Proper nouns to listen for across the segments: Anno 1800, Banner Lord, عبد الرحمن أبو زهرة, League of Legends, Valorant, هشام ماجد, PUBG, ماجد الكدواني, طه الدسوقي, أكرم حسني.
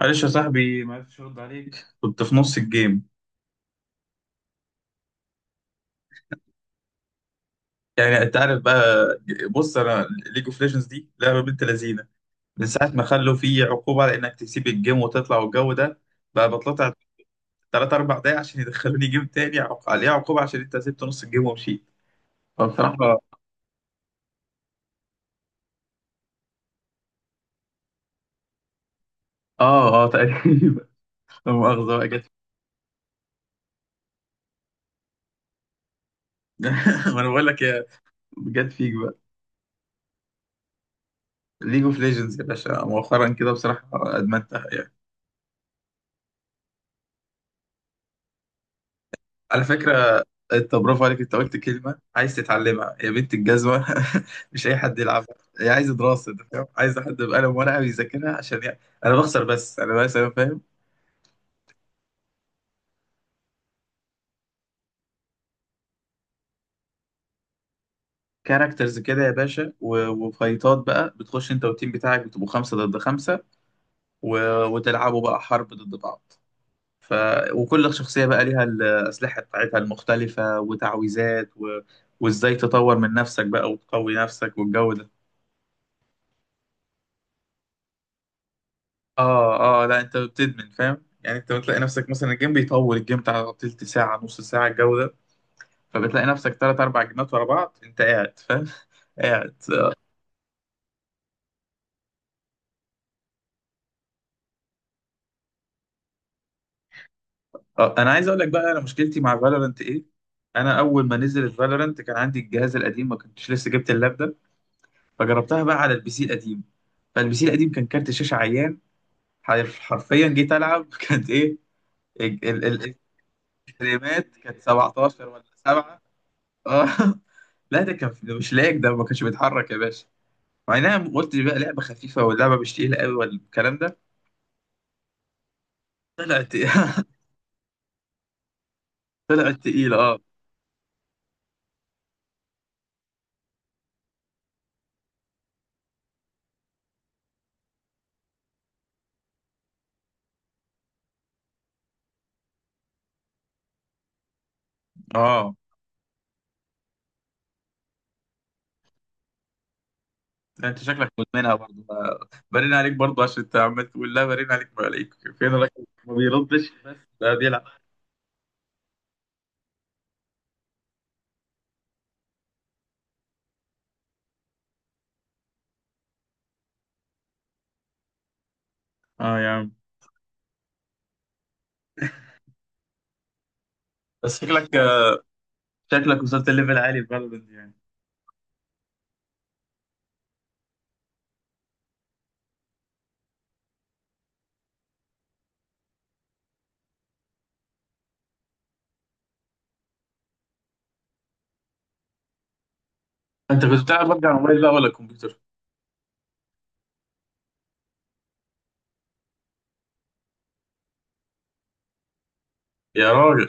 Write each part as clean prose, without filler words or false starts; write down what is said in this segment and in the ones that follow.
معلش يا صاحبي، ما عرفتش ارد عليك، كنت في نص الجيم. يعني انت عارف بقى. بص، انا ليج اوف ليجندز دي لعبه بنت لذينه، من ساعه ما خلوا في عقوبه على انك تسيب الجيم وتطلع والجو ده، بقى بطلع ثلاث اربع دقايق عشان يدخلوني جيم تاني، عليها عقوبه عشان انت سبت نص الجيم ومشيت. فبصراحه، اه، اه، تقريبا. لا مؤاخذه بقى، جت. ما انا بقول لك يا، جت فيك بقى. ليج اوف ليجندز يا باشا، مؤخرا كده بصراحه ادمنتها. على فكرة، انت برافو عليك، انت قلت كلمة عايز تتعلمها يا بنت الجزمة. مش اي حد يلعبها، هي عايزة دراسة، انت فاهم؟ عايزة حد بقلم ورقة بيذاكرها عشان يعني. انا بخسر، بس انا، بس انا فاهم. كاركترز كده يا باشا و- وفايتات بقى، بتخش انت والتيم بتاعك بتبقوا خمسة ضد خمسة، و... وتلعبوا بقى حرب ضد بعض. ف... وكل شخصية بقى ليها الأسلحة بتاعتها المختلفة وتعويذات، و... وازاي تطور من نفسك بقى وتقوي نفسك والجو ده. اه، اه، لا انت بتدمن، فاهم يعني، انت بتلاقي نفسك مثلا الجيم بيطول، الجيم بتاع تلت ساعة، نص ساعة، الجو ده. فبتلاقي نفسك تلات أربع جيمات ورا بعض، أنت قاعد، فاهم؟ قاعد. آه، أنا عايز أقول لك بقى أنا مشكلتي مع فالورنت إيه. أنا أول ما نزلت فالورنت كان عندي الجهاز القديم، ما كنتش لسه جبت اللاب ده. فجربتها بقى على البي سي القديم، فالبي سي القديم كان كارت شاشة عيان. حرفيا جيت ألعب. كانت إيه؟ ال- ال- ال- الفريمات كانت 17 ولا 7. اه. لا ده كان، ده مش لايق، ده ما كانش بيتحرك يا باشا، مع انها قلت بقى لعبه خفيفه، واللعبه مش تقيله قوي والكلام ده. طلعت. طلعت تقيله، اه. اه، ده انت شكلك مدمنها برضه، برين عليك برضه، عشان انت عمال تقول لا، برين عليك، ما عليك فين الراجل ما بيردش بس، ده بيلعب. اه يا عم. بس شكلك، شكلك وصلت ليفل عالي في فالورنت يعني. انت كنت بتلعب ببجي على الموبايل بقى ولا الكمبيوتر؟ يا راجل.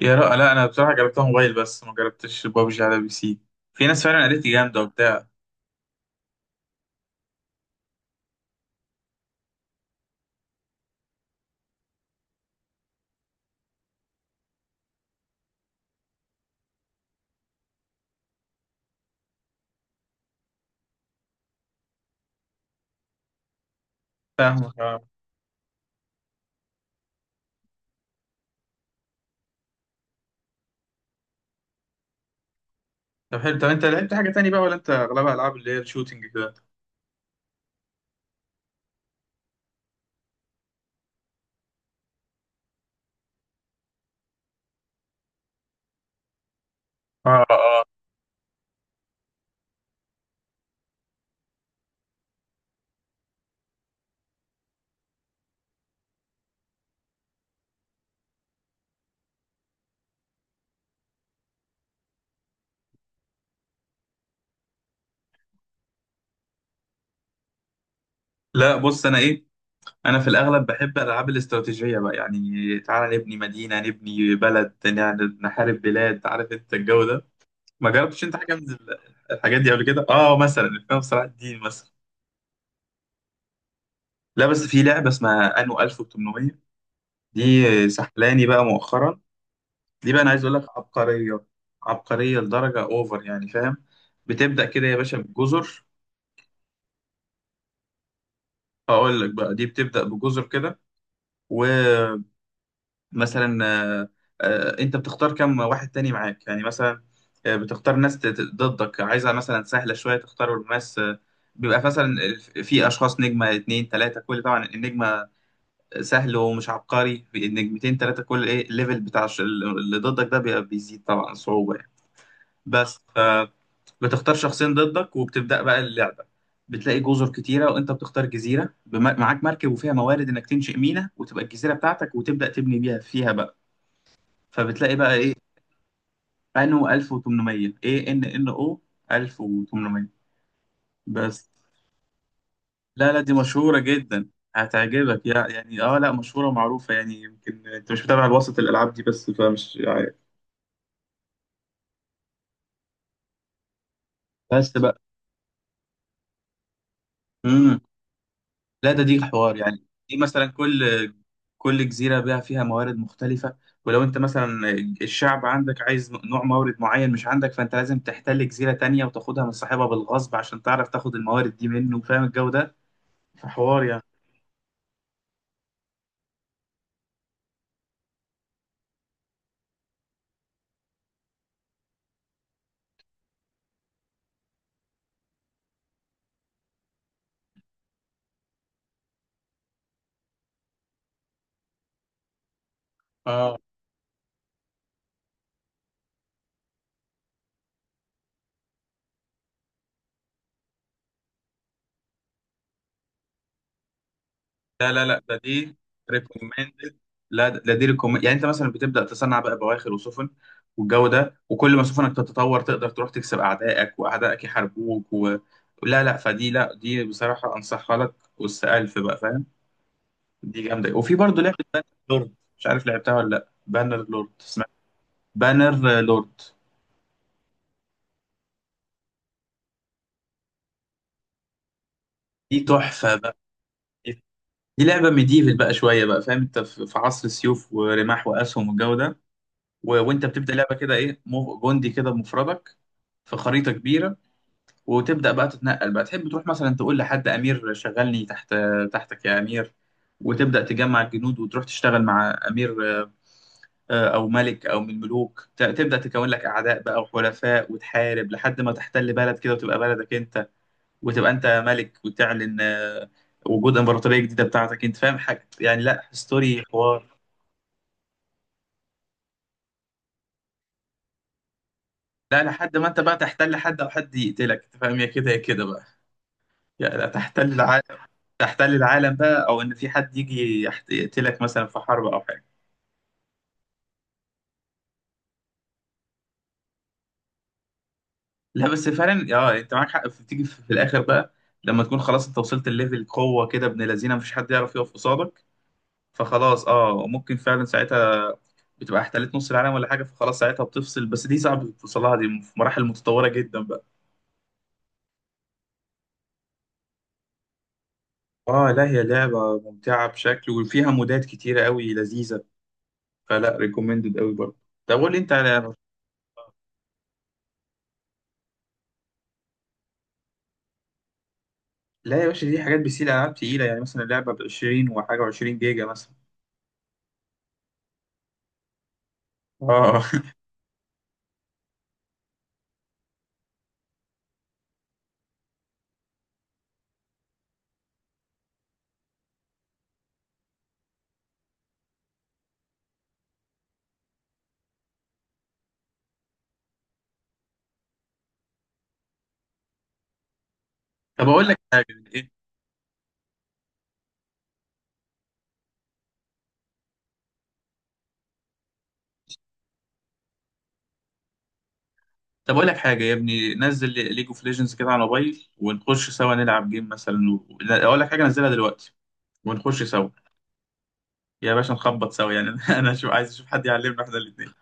يا راجل، لا انا بصراحه جربتها موبايل بس ما جربتش ببجي على بي سي. في ناس فعلا قالت لي جامده وبتاع. فاهمك. طب حلو، طب انت لعبت حاجه تاني بقى ولا انت اغلبها العاب اللي هي الشوتينج كده؟ اه، اه. لا بص، انا ايه، انا في الاغلب بحب الالعاب الاستراتيجيه بقى، يعني تعالى نبني مدينه، نبني بلد، يعني نحارب بلاد، عارف انت الجو ده. ما جربتش انت حاجه من الحاجات دي قبل كده؟ اه، مثلا الافلام صلاح الدين مثلا. لا بس في لعبه اسمها انو 1800، دي سحلاني بقى مؤخرا. دي بقى انا عايز اقول لك عبقريه. عبقريه لدرجه اوفر يعني، فاهم؟ بتبدا كده يا باشا بجزر. اقول لك بقى، دي بتبدا بجزر كده. ومثلا، آه، انت بتختار كم واحد تاني معاك، يعني مثلا، بتختار ناس ضدك، عايزها مثلا سهلة شوية، تختار ناس، بيبقى مثلا، في اشخاص نجمة، اتنين تلاتة كل، طبعا النجمة سهل ومش عبقري، في النجمتين تلاتة كل، ايه الليفل بتاع اللي ضدك ده بيبقى بيزيد طبعا صعوبة يعني، بس. فبتختار شخصين ضدك، وبتبدأ بقى اللعبة. بتلاقي جزر كتيرة، وانت بتختار جزيرة، معاك مركب وفيها موارد انك تنشئ ميناء وتبقى الجزيرة بتاعتك، وتبدأ تبني بيها، فيها بقى. فبتلاقي بقى ايه. انو 1800. ايه، ان ان او 1800 بس. لا لا، دي مشهورة جدا، هتعجبك، يعني اه لا، مشهورة ومعروفة يعني، يمكن انت مش متابع الوسط الالعاب دي بس، فمش عارف بس بقى. امم لا، ده دي حوار يعني، دي مثلا كل، كل جزيرة بقى فيها موارد مختلفة، ولو انت مثلا الشعب عندك عايز نوع مورد معين مش عندك، فانت لازم تحتل جزيرة تانية وتاخدها من صاحبها بالغصب عشان تعرف تاخد الموارد دي منه، فاهم الجو ده؟ فحوار يعني. اه، لا لا لا، ده دي ريكومندد. لا، ده دي ريكومند، يعني انت مثلا بتبدا تصنع بقى بواخر وسفن والجو ده، وكل ما سفنك تتطور تقدر تروح تكسب اعدائك، واعدائك يحاربوك لا لا، فدي، لا دي بصراحه انصحها لك، والس الف بقى، فاهم؟ دي جامده. وفي برضه لعبه بانر لورد، مش عارف لعبتها ولا لا، بانر لورد اسمها. بانر لورد دي تحفه بقى. دي لعبه ميديفل بقى شويه بقى، فاهم؟ انت في عصر السيوف ورماح واسهم والجو ده. و... وانت بتبدا لعبه كده ايه، جندي كده بمفردك، في خريطه كبيره، وتبدا بقى تتنقل بقى، تحب تروح مثلا تقول لحد امير شغلني تحت، تحتك يا امير، وتبدا تجمع الجنود وتروح تشتغل مع امير، او ملك، او من الملوك، تبدا تكون لك اعداء بقى وحلفاء، وتحارب لحد ما تحتل بلد كده وتبقى بلدك انت، وتبقى انت ملك، وتعلن، وجود امبراطوريه جديده بتاعتك انت، فاهم حاجه يعني، لا ستوري حوار. لا، لحد ما انت بقى تحتل حد، او حد يقتلك انت، فاهم؟ يا كده يا كده بقى. يعني تحتل العالم. تحتل العالم بقى، او ان في حد يجي يقتلك مثلا في حرب او حاجه. لا بس فعلا اه، انت معاك حق، تيجي في الاخر بقى، لما تكون خلاص انت وصلت لليفل قوه كده ابن لذينه، مفيش حد يعرف يقف قصادك، فخلاص اه، ممكن فعلا ساعتها بتبقى احتلت نص العالم ولا حاجه، فخلاص ساعتها بتفصل، بس دي صعب توصلها، دي في مراحل متطوره جدا بقى. اه لا، هي لعبه ممتعه بشكل، وفيها مودات كتيره قوي لذيذه، فلا ريكومندد قوي برضه. طب قول لي انت على، لا يا باشا، دي حاجات بيسيل، العاب تقيله، يعني مثلا لعبه ب 20 وحاجه، و20 جيجا مثلا. اه. طب اقول لك حاجه. ايه؟ طب اقول لك حاجه يا ابني، نزل ليج اوف ليجندز كده على الموبايل ونخش سوا نلعب جيم مثلا، لا، اقول لك حاجه، نزلها دلوقتي ونخش سوا. يا باشا نخبط سوا يعني. انا شو عايز اشوف حد يعلمنا احنا الاثنين،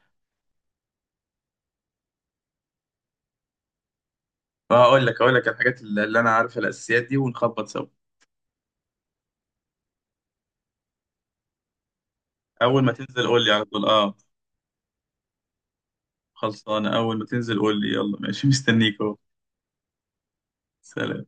فهقول لك، هقول لك الحاجات اللي انا عارفها الاساسيات دي، ونخبط سوا. اول ما تنزل قول لي على طول، اه. خلصانه، اول ما تنزل قول لي، يلا ماشي، مستنيك اهو. سلام.